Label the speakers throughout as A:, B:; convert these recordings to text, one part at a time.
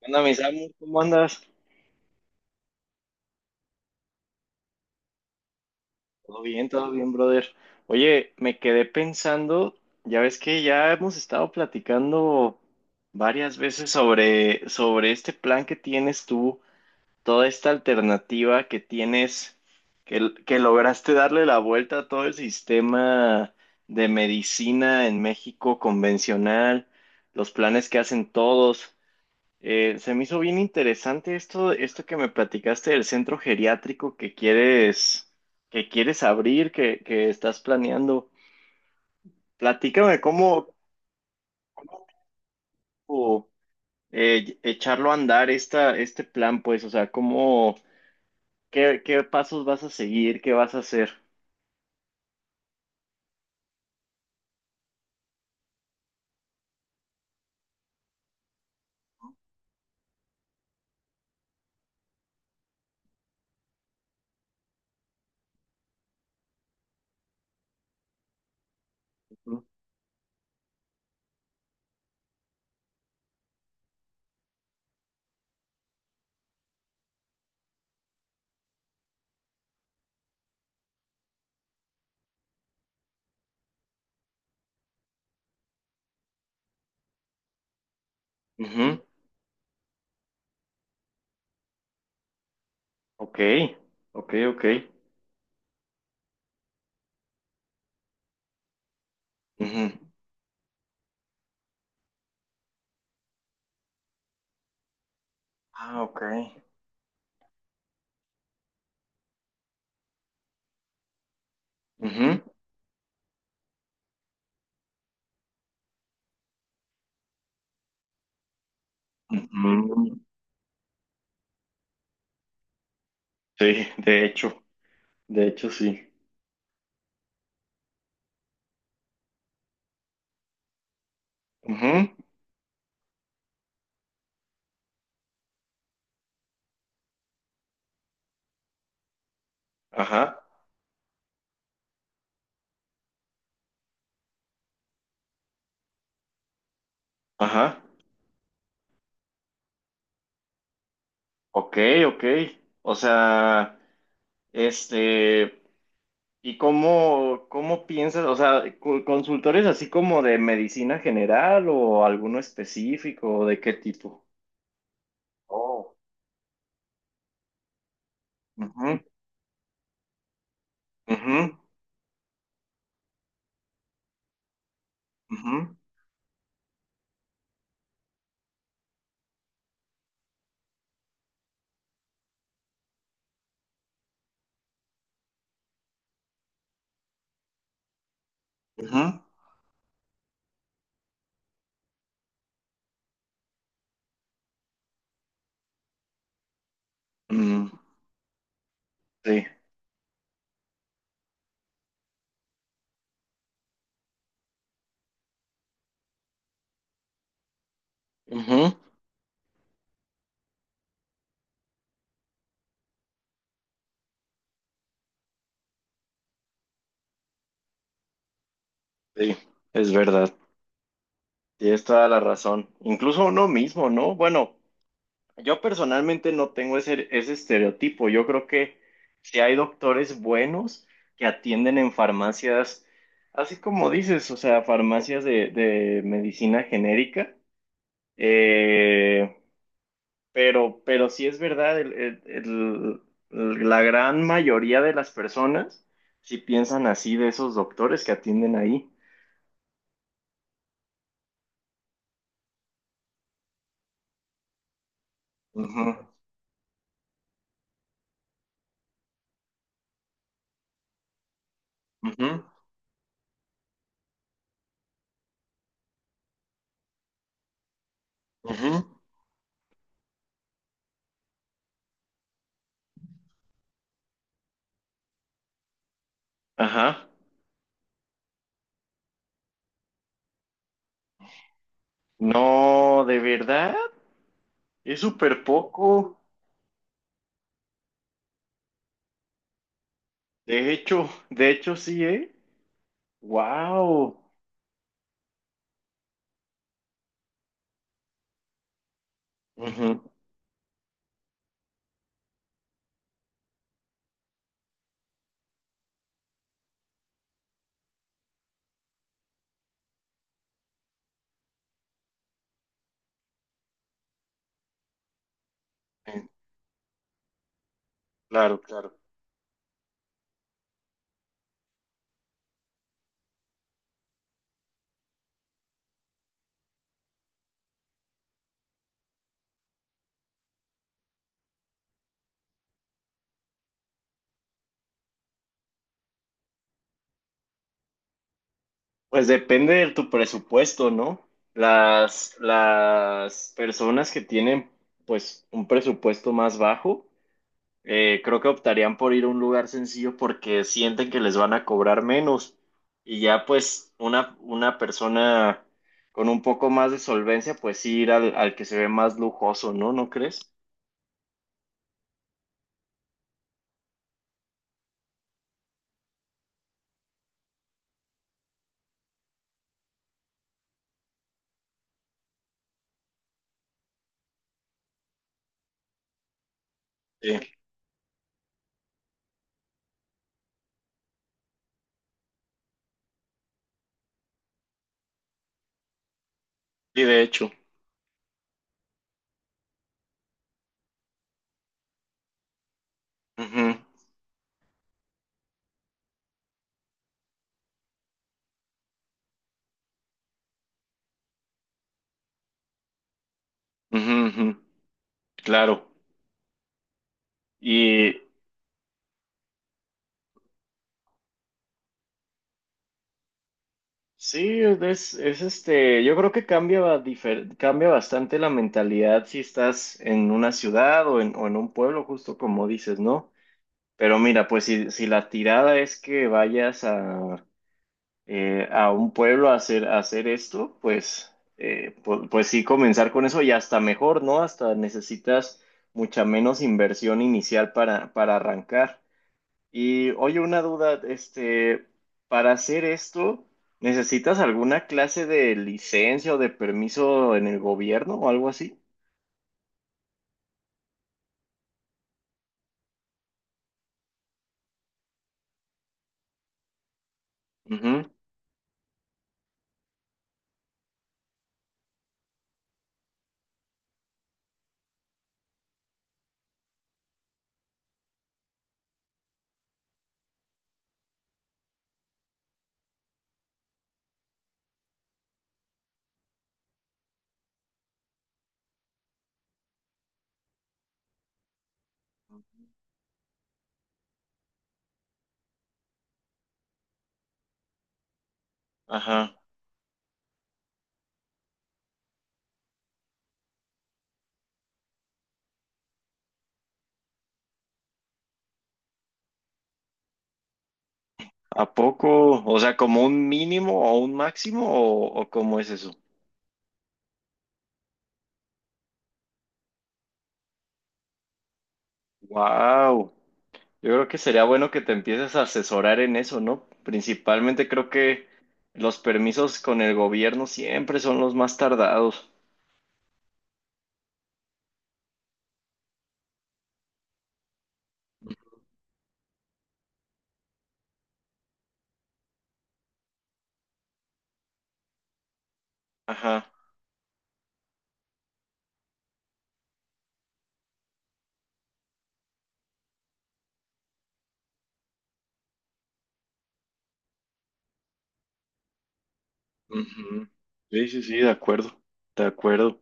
A: ¿Qué onda, mi Samu? ¿Cómo andas? Todo bien, brother. Oye, me quedé pensando, ya ves que ya hemos estado platicando varias veces sobre este plan que tienes tú, toda esta alternativa que tienes, que lograste darle la vuelta a todo el sistema de medicina en México convencional, los planes que hacen todos. Se me hizo bien interesante esto que me platicaste del centro geriátrico que quieres abrir, que estás planeando. Platícame cómo o, echarlo a andar este plan, pues, o sea, cómo, qué pasos vas a seguir, qué vas a hacer. Ujú. Ujú. Ok, ok, ok. Ujú. Ah, ok. Ujú. Ujú. Sí, de hecho sí. Ujú. Ajá, ajá. Ok, ok. O sea, este, ¿y cómo, cómo piensas? O sea, consultores así como de medicina general o alguno específico, ¿o ¿de qué tipo? Oh. Ujú, ujú, ujú, ujú. Mm, sí, ujú, sí, es verdad. Tienes toda la razón. Incluso uno mismo, ¿no? Bueno. Yo personalmente no tengo ese estereotipo. Yo creo que si hay doctores buenos que atienden en farmacias, así como dices, o sea, farmacias de medicina genérica, eh, pero sí es verdad, la gran mayoría de las personas sí piensan así de esos doctores que atienden ahí. Ujú, ujú, ujú. Ajá. No, de verdad, es súper poco. De hecho sí, ¿eh? Wow. Claro, claro. Pues depende de tu presupuesto, ¿no? Las personas que tienen, pues, un presupuesto más bajo, creo que optarían por ir a un lugar sencillo porque sienten que les van a cobrar menos. Y ya, pues, una persona con un poco más de solvencia, pues sí ir al que se ve más lujoso, ¿no? ¿No crees? Sí, sí, de hecho. Ujú, ujú, ujú. Claro. Y sí, es este, yo creo que cambia, cambia bastante la mentalidad si estás en una ciudad o en un pueblo, justo como dices, ¿no? Pero mira, pues si, si la tirada es que vayas a un pueblo a a hacer esto, pues, pues sí, comenzar con eso y hasta mejor, ¿no? Hasta necesitas mucha menos inversión inicial para arrancar. Y oye, una duda, este, para hacer esto, ¿necesitas alguna clase de licencia o de permiso en el gobierno o algo así? Ujú, ajá. ¿A poco? O sea, ¿como un mínimo o un máximo o cómo es eso? Wow. Yo creo que sería bueno que te empieces a asesorar en eso, ¿no? Principalmente creo que los permisos con el gobierno siempre son los más tardados. Ajá. Ujú. Sí, sí, sí, de acuerdo. De acuerdo.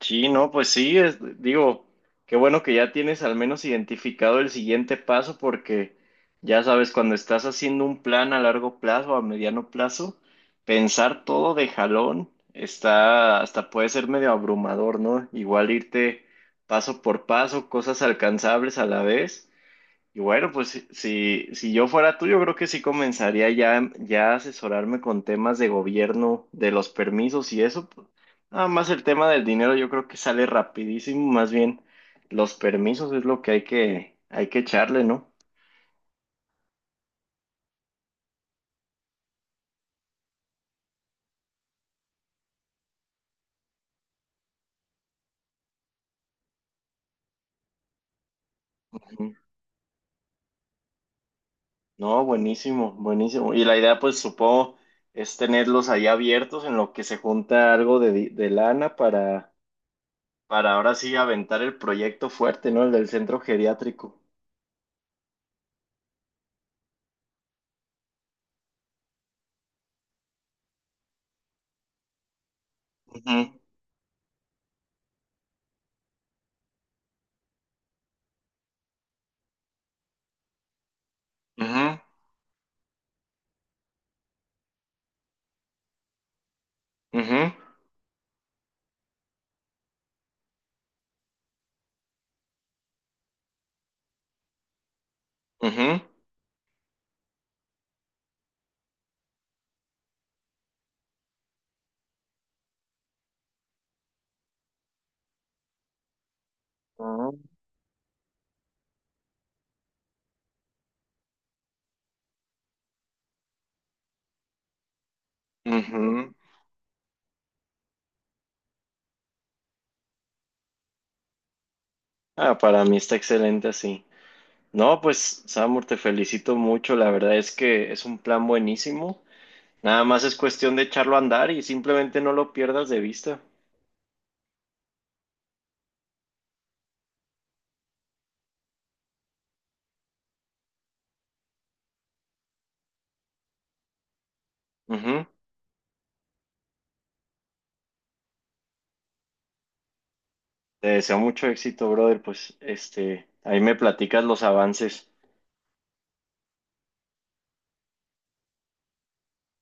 A: Sí, no, pues sí, digo, qué bueno que ya tienes al menos identificado el siguiente paso porque ya sabes, cuando estás haciendo un plan a largo plazo, a mediano plazo, pensar todo de jalón está, hasta puede ser medio abrumador, ¿no? Igual irte paso por paso, cosas alcanzables a la vez. Y bueno, pues si, si yo fuera tú, yo creo que sí comenzaría ya, ya a asesorarme con temas de gobierno, de los permisos y eso. Pues, nada más el tema del dinero yo creo que sale rapidísimo, más bien los permisos es lo que hay hay que echarle, ¿no? Ujú. No, buenísimo, buenísimo. Y la idea, pues supongo, es tenerlos ahí abiertos en lo que se junta algo de, de lana para ahora sí aventar el proyecto fuerte, ¿no? El del centro geriátrico. Ujú, ujú, ujú. Ujú, ah, ujú. Ah, para mí está excelente así. No, pues, Samur, te felicito mucho. La verdad es que es un plan buenísimo. Nada más es cuestión de echarlo a andar y simplemente no lo pierdas de vista. Ujú. Te deseo mucho éxito, brother. Pues, este, ahí me platicas los avances.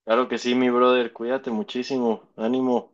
A: Claro que sí, mi brother. Cuídate muchísimo. Ánimo.